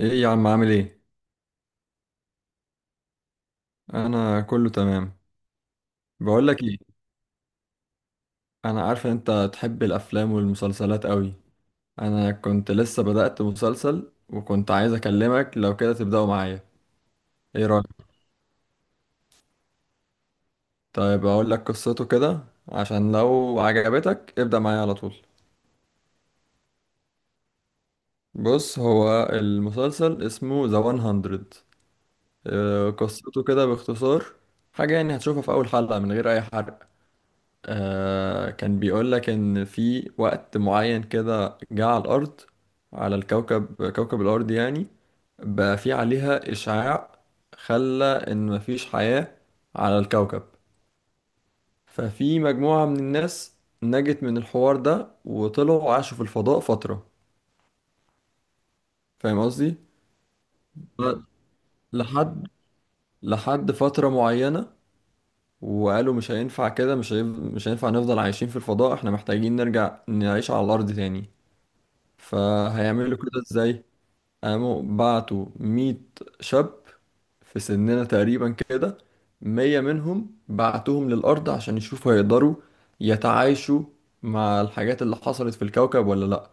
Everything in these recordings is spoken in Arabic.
ايه يا عم عامل ايه؟ انا كله تمام. بقول لك ايه؟ انا عارف ان انت تحب الافلام والمسلسلات قوي. انا كنت لسه بدأت مسلسل وكنت عايز اكلمك لو كده تبدأه معايا. ايه رأيك؟ طيب اقول لك قصته كده عشان لو عجبتك ابدأ معايا على طول. بص هو المسلسل اسمه ذا 100. آه، قصته كده باختصار، حاجة يعني هتشوفها في اول حلقة من غير اي حرق. آه كان بيقول لك إن في وقت معين كده جه على الأرض، على الكوكب، كوكب الأرض يعني، بقى في عليها إشعاع، خلى إن مفيش حياة على الكوكب. ففي مجموعة من الناس نجت من الحوار ده وطلعوا عاشوا في الفضاء فترة. فاهم قصدي؟ ف- لحد لحد فترة معينة. وقالوا مش هينفع كده، مش هينفع نفضل عايشين في الفضاء، احنا محتاجين نرجع نعيش على الأرض تاني. فهيعملوا كده ازاي؟ قاموا بعتوا 100 شاب في سننا تقريبا كده، 100 منهم بعتوهم للأرض عشان يشوفوا هيقدروا يتعايشوا مع الحاجات اللي حصلت في الكوكب ولا لأ.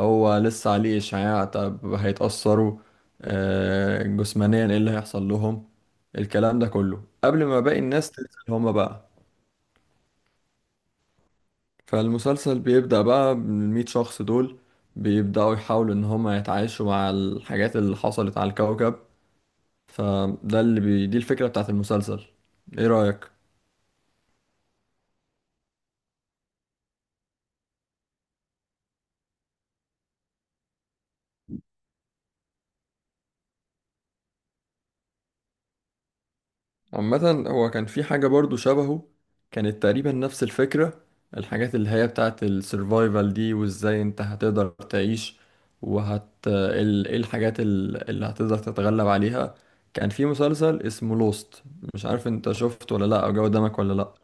هو لسه عليه إشعاع، طب هيتأثروا؟ آه، جسمانيا ايه اللي هيحصل لهم؟ الكلام ده كله قبل ما باقي الناس تنزل هما بقى. فالمسلسل بيبدأ بقى من ال100 شخص دول، بيبدأوا يحاولوا إن هما يتعايشوا مع الحاجات اللي حصلت على الكوكب. فده اللي دي الفكرة بتاعت المسلسل. إيه رأيك؟ عامة هو كان في حاجة برضو شبهه، كانت تقريبا نفس الفكرة، الحاجات اللي هي بتاعت السرفايفل دي وإزاي أنت هتقدر تعيش. إيه الحاجات اللي هتقدر تتغلب عليها. كان في مسلسل اسمه لوست، مش عارف أنت شفته ولا لأ أو جه قدامك ولا لأ.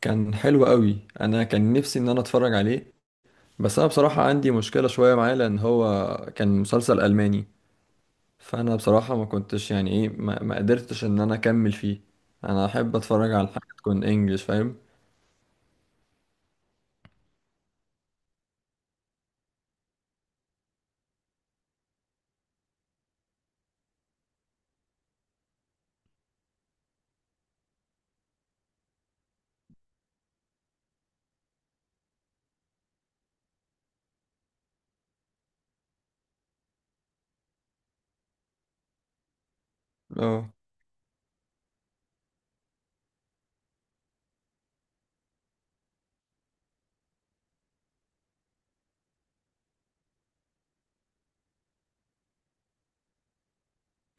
كان حلو قوي، انا كان نفسي ان انا اتفرج عليه. بس انا بصراحة عندي مشكلة شوية معاه لان هو كان مسلسل الماني. فانا بصراحة ما كنتش يعني ايه ما قدرتش ان انا اكمل فيه. انا احب اتفرج على حاجة تكون انجلش فاهم. اه.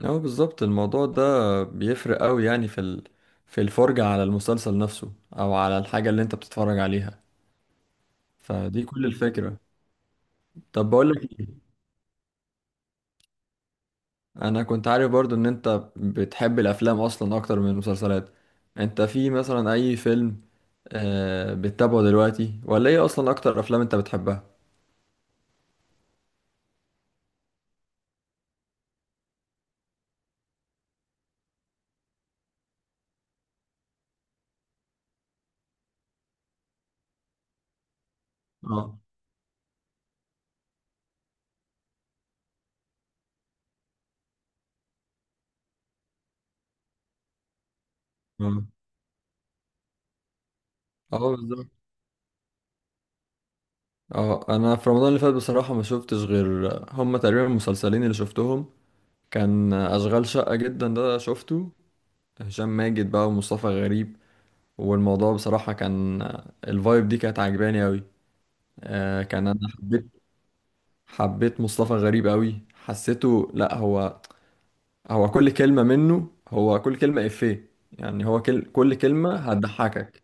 اه بالظبط، الموضوع ده بيفرق قوي يعني في في الفرجة على المسلسل نفسه او على الحاجة اللي انت بتتفرج عليها. فدي كل الفكرة. طب بقول لك إيه؟ انا كنت عارف برضو ان انت بتحب الافلام اصلا اكتر من المسلسلات. انت في مثلا اي فيلم آه بتتابعه دلوقتي ولا ايه؟ اصلا اكتر افلام انت بتحبها؟ اه. اه. اه بالظبط. اه انا في رمضان اللي فات بصراحة ما شفتش غير هما تقريبا المسلسلين اللي شفتهم. كان اشغال شقة جدا ده شفته، هشام ماجد بقى ومصطفى غريب. والموضوع بصراحة كان، الفايب دي كانت عجباني قوي. آه كان انا حبيت. حبيت مصطفى غريب قوي، حسيته لا هو، هو كل كلمة منه، هو كل كلمة إفيه يعني، هو كل كلمة هتضحكك.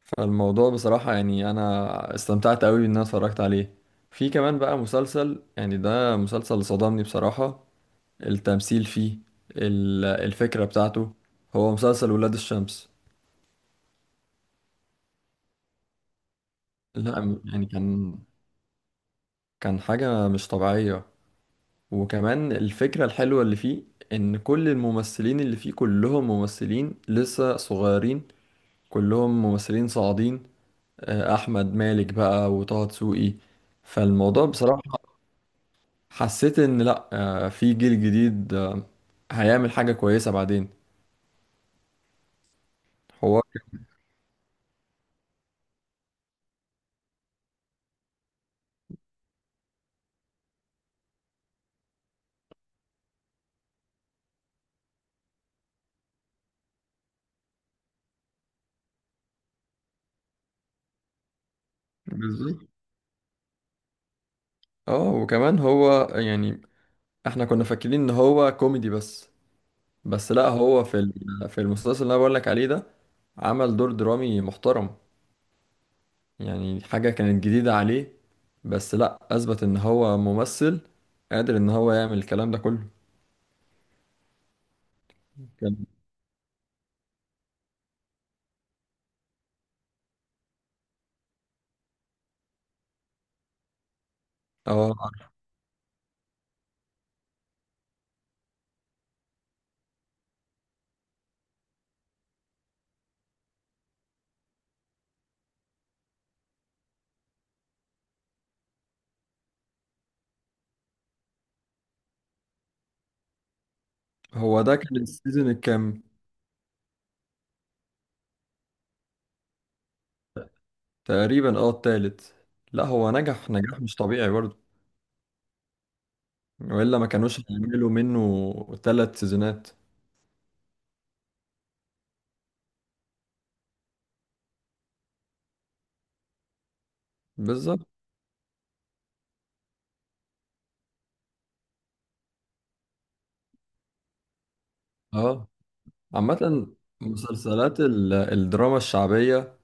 فالموضوع بصراحة يعني أنا استمتعت أوي إن أنا اتفرجت عليه. في كمان بقى مسلسل، يعني ده مسلسل صدمني بصراحة، التمثيل فيه، الفكرة بتاعته، هو مسلسل ولاد الشمس. لا يعني كان حاجة مش طبيعية. وكمان الفكرة الحلوة اللي فيه، إن كل الممثلين اللي فيه كلهم ممثلين لسه صغيرين، كلهم ممثلين صاعدين. آه، احمد مالك بقى وطه دسوقي. فالموضوع بصراحة، حسيت ان لا، آه، في جيل جديد، آه، هيعمل حاجة كويسة بعدين. هو بالظبط. اه وكمان هو يعني احنا كنا فاكرين ان هو كوميدي بس، بس لا هو في في المسلسل اللي انا بقول لك عليه ده عمل دور درامي محترم، يعني حاجة كانت جديدة عليه، بس لا اثبت ان هو ممثل قادر ان هو يعمل الكلام ده كله. كان. اه. هو ده كان السيزون الكام؟ تقريبا اه التالت. لا هو نجح نجاح مش طبيعي برضه، والا ما كانوش هيعملوا منه 3 سيزونات. بالظبط اه. عامة مسلسلات الدراما الشعبية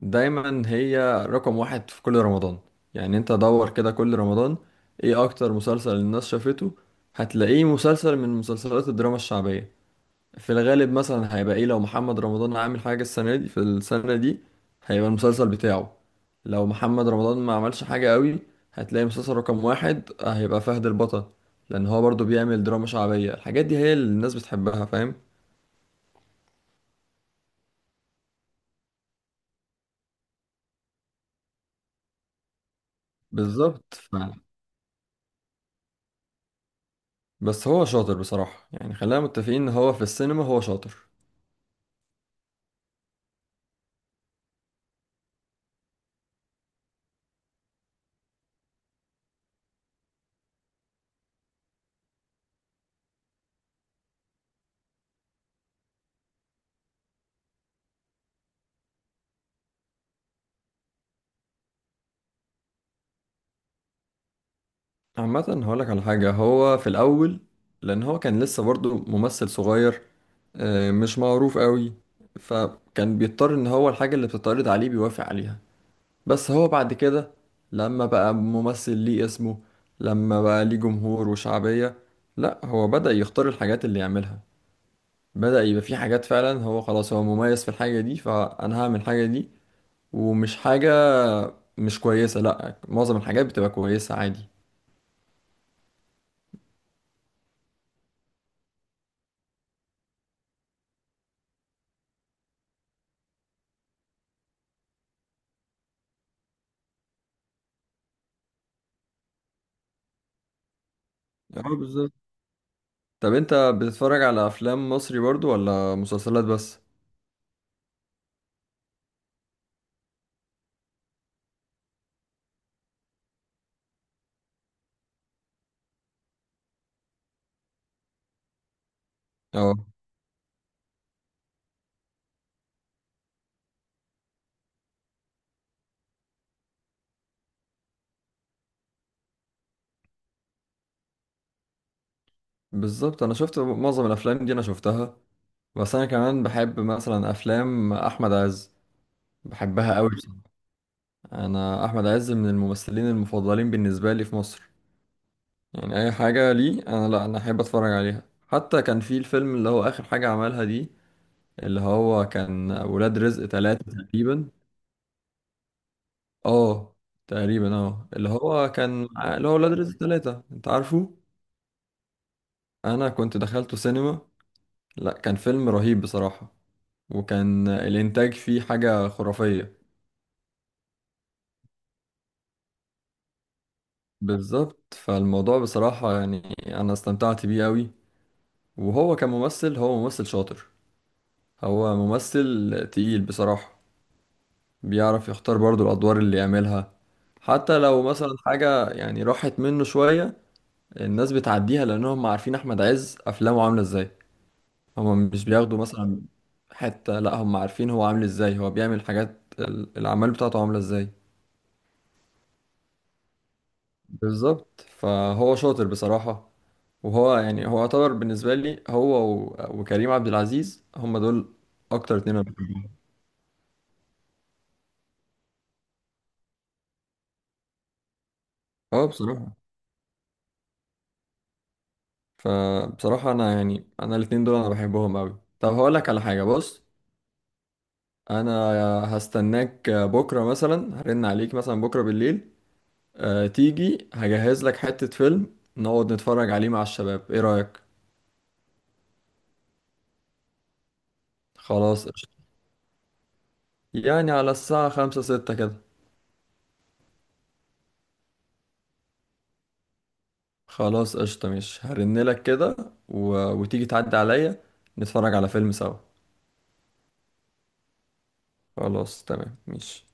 دايما هي رقم واحد في كل رمضان. يعني انت دور كده كل رمضان، ايه اكتر مسلسل الناس شافته، هتلاقيه مسلسل من مسلسلات الدراما الشعبية. في الغالب مثلا هيبقى ايه، لو محمد رمضان عامل حاجة السنة دي، في السنة دي هيبقى المسلسل بتاعه. لو محمد رمضان ما عملش حاجة قوي هتلاقي مسلسل رقم واحد هيبقى فهد البطل، لأن هو برضو بيعمل دراما شعبية، الحاجات دي هي اللي الناس بتحبها فاهم؟ بالظبط فعلا. بس هو شاطر بصراحة، يعني خلينا متفقين ان هو في السينما هو شاطر. عامة هقولك على حاجة، هو في الأول لأن هو كان لسه برضه ممثل صغير، آه، مش معروف قوي، فكان بيضطر إن هو الحاجة اللي بتتعرض عليه بيوافق عليها. بس هو بعد كده لما بقى ممثل ليه اسمه، لما بقى ليه جمهور وشعبية، لأ هو بدأ يختار الحاجات اللي يعملها، بدأ يبقى في حاجات فعلا هو خلاص هو مميز في الحاجة دي فأنا هعمل الحاجة دي. ومش حاجة، مش كويسة، لأ معظم الحاجات بتبقى كويسة عادي. اه بالظبط. طب انت بتتفرج على افلام مصري برضو ولا مسلسلات بس؟ اه بالظبط. انا شفت معظم الافلام دي انا شفتها. بس انا كمان بحب مثلا افلام احمد عز، بحبها قوي بصراحة. انا احمد عز من الممثلين المفضلين بالنسبه لي في مصر. يعني اي حاجه ليه انا لا انا احب اتفرج عليها، حتى كان في الفيلم اللي هو اخر حاجه عملها دي، اللي هو كان ولاد رزق 3 تقريبا. اه. تقريبا اه اللي هو ولاد رزق 3 انت عارفه. انا كنت دخلته سينما، لا كان فيلم رهيب بصراحة، وكان الانتاج فيه حاجة خرافية. بالظبط. فالموضوع بصراحة يعني انا استمتعت بيه قوي، وهو كممثل هو ممثل شاطر، هو ممثل تقيل بصراحة، بيعرف يختار برضو الادوار اللي يعملها. حتى لو مثلا حاجة يعني راحت منه شوية، الناس بتعديها لانهم عارفين احمد عز افلامه عاملة ازاي. هم مش بياخدوا مثلا حتة، لا هم عارفين هو عامل ازاي، هو بيعمل حاجات الأعمال بتاعته عاملة ازاي. بالظبط. فهو شاطر بصراحة. وهو يعني هو يعتبر بالنسبة لي هو وكريم عبد العزيز هم دول أكتر 2 أنا بحبهم. اه بصراحة. فبصراحة أنا يعني أنا الاتنين دول أنا بحبهم أوي. طب هقولك على حاجة، بص أنا هستناك بكرة مثلا، هرن عليك مثلا بكرة بالليل، آه، تيجي هجهز لك حتة فيلم نقعد نتفرج عليه مع الشباب، ايه رأيك؟ خلاص قشطة. يعني على الساعة 5 6 كده. خلاص قشطة مش هرنلك كده و... وتيجي تعدي عليا نتفرج على فيلم سوا. خلاص تمام مش